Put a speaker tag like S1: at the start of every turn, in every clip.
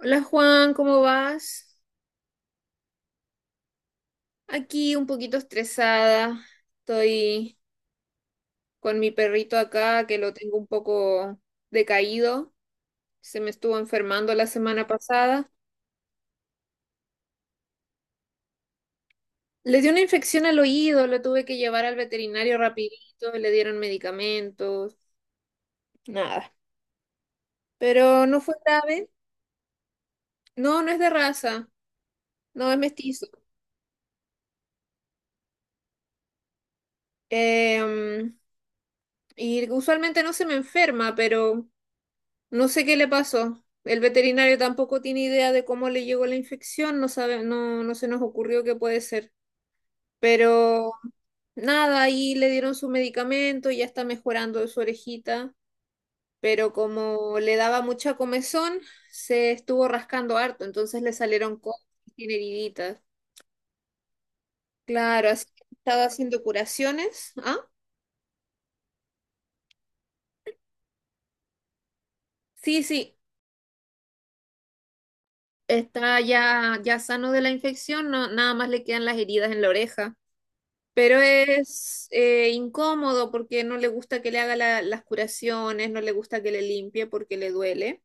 S1: Hola Juan, ¿cómo vas? Aquí un poquito estresada. Estoy con mi perrito acá que lo tengo un poco decaído. Se me estuvo enfermando la semana pasada. Le dio una infección al oído, lo tuve que llevar al veterinario rapidito, le dieron medicamentos, nada. Pero no fue grave. No, no es de raza, no es mestizo. Em, y usualmente no se me enferma, pero no sé qué le pasó. El veterinario tampoco tiene idea de cómo le llegó la infección, no sabe, no, no se nos ocurrió qué puede ser. Pero nada, ahí le dieron su medicamento, ya está mejorando de su orejita, pero como le daba mucha comezón, se estuvo rascando harto, entonces le salieron cosas, tiene heriditas. Claro, así que estaba haciendo curaciones. ¿Ah? Sí, sí, está ya, ya sano de la infección, no, nada más le quedan las heridas en la oreja. Pero es incómodo porque no le gusta que le haga las curaciones, no le gusta que le limpie porque le duele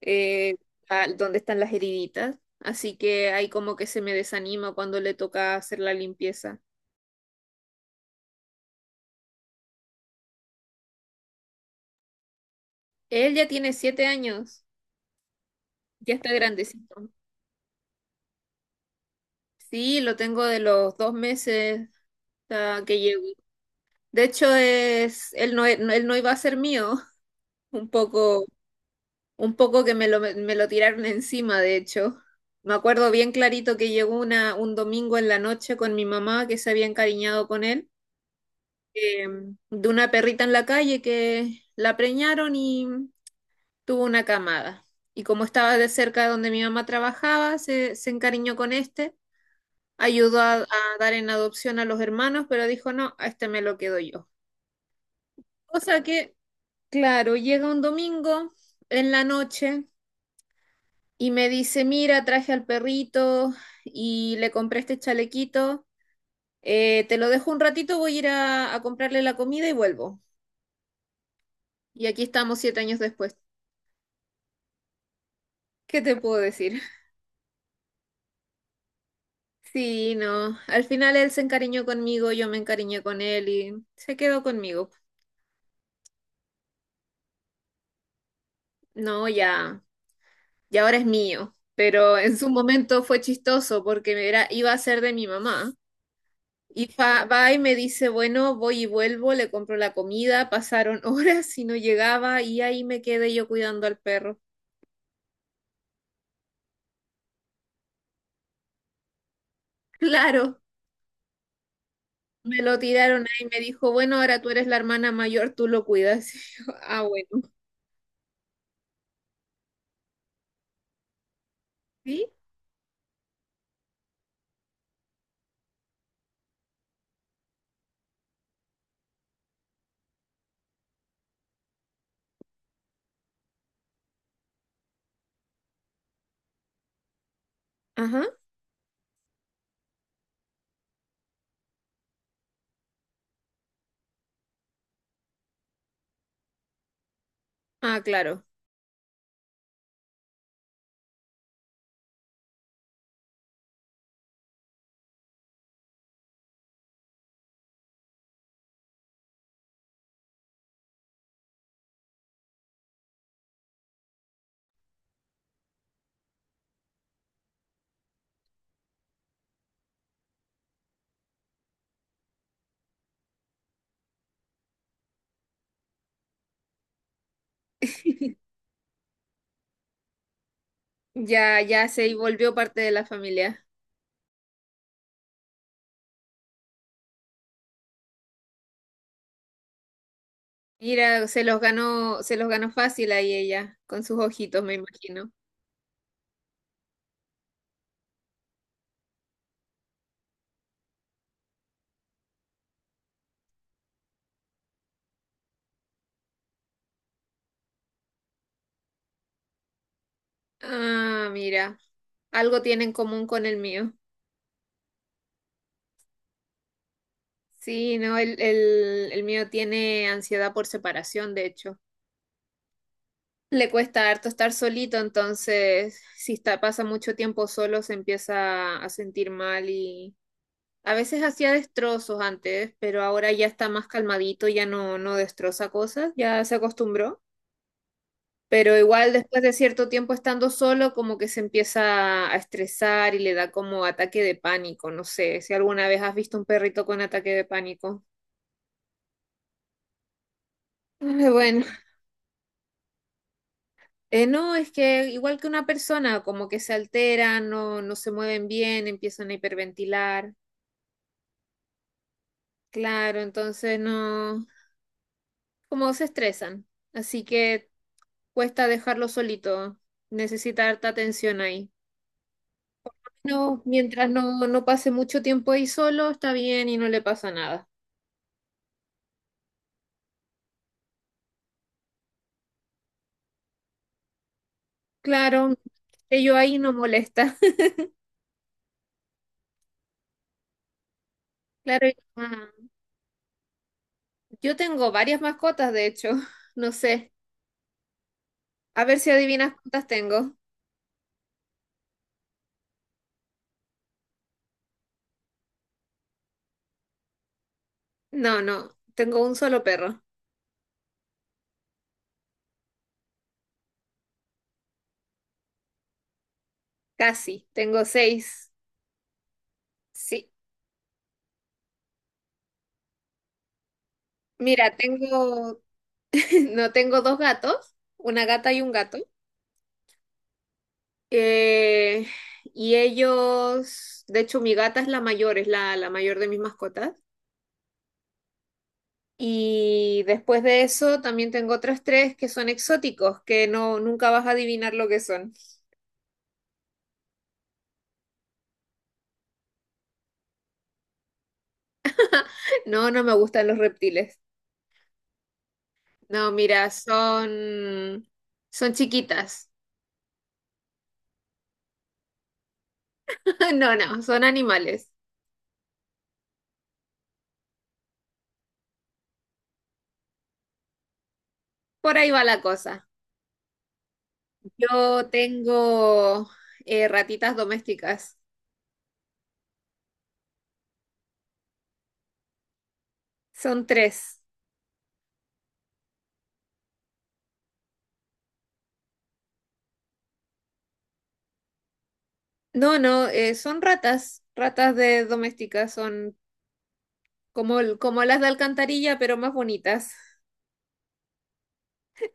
S1: eh, donde están las heriditas. Así que ahí como que se me desanima cuando le toca hacer la limpieza. Él ya tiene 7 años, ya está grandecito. Sí, lo tengo de los 2 meses que llevo. De hecho, es, él no, e- no- él no iba a ser mío, un poco Un poco que me lo tiraron encima, de hecho. Me acuerdo bien clarito que llegó un domingo en la noche con mi mamá que se había encariñado con él, eh, de una perrita en la calle que la preñaron y tuvo una camada. Y como estaba de cerca de donde mi mamá trabajaba, se encariñó con este, ayudó a dar en adopción a los hermanos, pero dijo, no, a este me lo quedo yo. Cosa que, claro, llega un domingo en la noche. Y me dice, mira, traje al perrito y le compré este chalequito. Te lo dejo un ratito, voy a ir a comprarle la comida y vuelvo. Y aquí estamos 7 años después. ¿Qué te puedo decir? Sí, no. Al final él se encariñó conmigo, yo me encariñé con él y se quedó conmigo. No, ya, ya ahora es mío. Pero en su momento fue chistoso porque era, iba a ser de mi mamá. Y va y me dice, bueno, voy y vuelvo, le compro la comida, pasaron horas y no llegaba y ahí me quedé yo cuidando al perro. Claro, me lo tiraron ahí, me dijo, bueno, ahora tú eres la hermana mayor, tú lo cuidas. Y yo, ah, bueno. ¿Sí? Ajá. Ah, claro. Ya, ya se volvió parte de la familia. Mira, se los ganó fácil ahí ella, con sus ojitos, me imagino. Ah, mira, algo tiene en común con el mío. Sí, no, el mío tiene ansiedad por separación, de hecho. Le cuesta harto estar solito, entonces si está, pasa mucho tiempo solo se empieza a sentir mal y a veces hacía destrozos antes, pero ahora ya está más calmadito, ya no destroza cosas, ya se acostumbró. Pero igual después de cierto tiempo estando solo, como que se empieza a estresar y le da como ataque de pánico. No sé si alguna vez has visto un perrito con ataque de pánico. Ay, bueno, no, es que igual que una persona, como que se alteran, no se mueven bien, empiezan a hiperventilar. Claro, entonces no, como se estresan. Así que cuesta dejarlo solito. Necesita harta atención ahí. No, mientras no pase mucho tiempo ahí solo, está bien y no le pasa nada. Claro, ello ahí no molesta. Claro, yo tengo varias mascotas, de hecho. No sé. A ver si adivinas cuántas tengo. No, no, tengo un solo perro. Casi, tengo seis. Sí. Mira, tengo, no tengo dos gatos, una gata y un gato. Eh, y ellos, de hecho, mi gata es la mayor, es la mayor de mis mascotas. Y después de eso, también tengo otras tres que son exóticos, que no, nunca vas a adivinar lo que son. No, no me gustan los reptiles. No, mira, son chiquitas. No, no, son animales. Por ahí va la cosa. Yo tengo ratitas domésticas. Son tres. No, no, son ratas. Ratas de domésticas. Son como, como las de alcantarilla, pero más bonitas.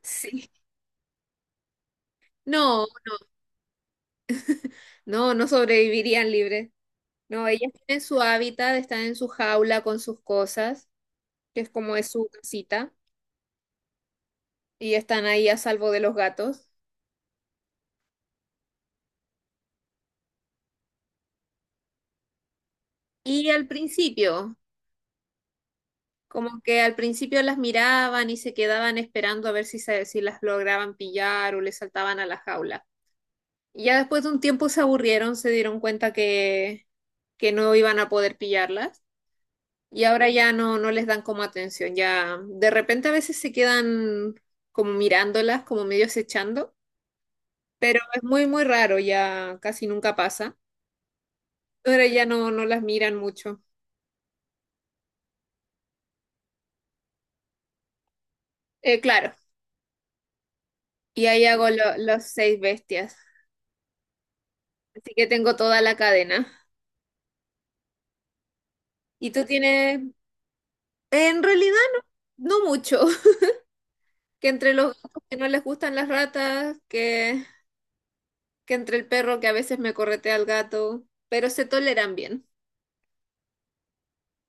S1: Sí. No, no, no sobrevivirían libres. No, ellas tienen su hábitat, están en su jaula con sus cosas, que es como es su casita, y están ahí a salvo de los gatos. Y al principio. Como que al principio las miraban y se quedaban esperando a ver si, si las lograban pillar o les saltaban a la jaula. Y ya después de un tiempo se aburrieron, se dieron cuenta que no iban a poder pillarlas y ahora ya no les dan como atención. Ya de repente a veces se quedan como mirándolas, como medio acechando, pero es muy, muy raro, ya casi nunca pasa. Ahora ya no las miran mucho. Claro, y ahí hago los seis bestias, así que tengo toda la cadena. ¿Y tú tienes? En realidad no, no mucho. Que entre los gatos que no les gustan las ratas, que entre el perro que a veces me corretea al gato, pero se toleran bien.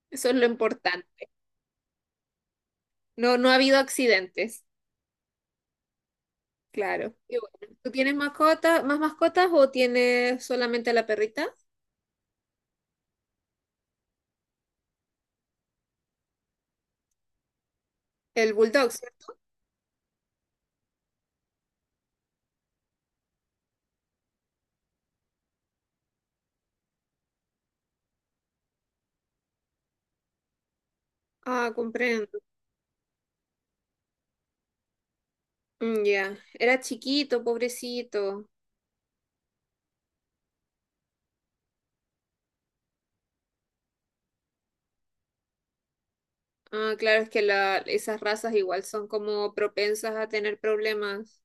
S1: Eso es lo importante. No, no ha habido accidentes. Claro. Y bueno, ¿tú tienes mascota, más mascotas o tienes solamente a la perrita? El bulldog, ¿cierto? Ah, comprendo. Mm, ya. Era chiquito, pobrecito. Ah, claro, es que esas razas igual son como propensas a tener problemas.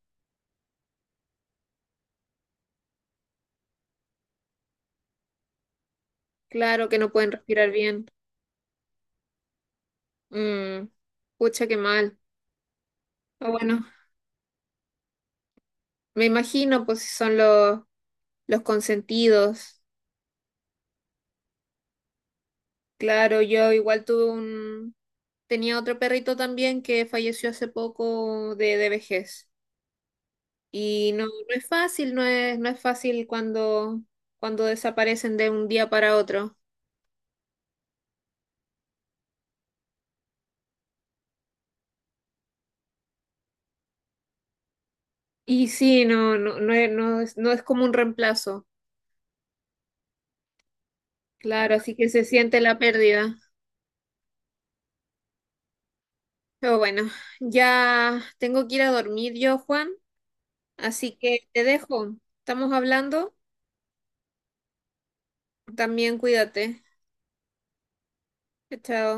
S1: Claro que no pueden respirar bien. Mm, pucha, qué mal. Ah, bueno, me imagino, pues si son los, consentidos. Claro, yo igual tuve Tenía otro perrito también que falleció hace poco de vejez. Y no, no es fácil, no es fácil cuando desaparecen de un día para otro. Y sí, no, no, no es como un reemplazo. Claro, así que se siente la pérdida. Pero bueno, ya tengo que ir a dormir yo, Juan. Así que te dejo. Estamos hablando. También cuídate. Chao.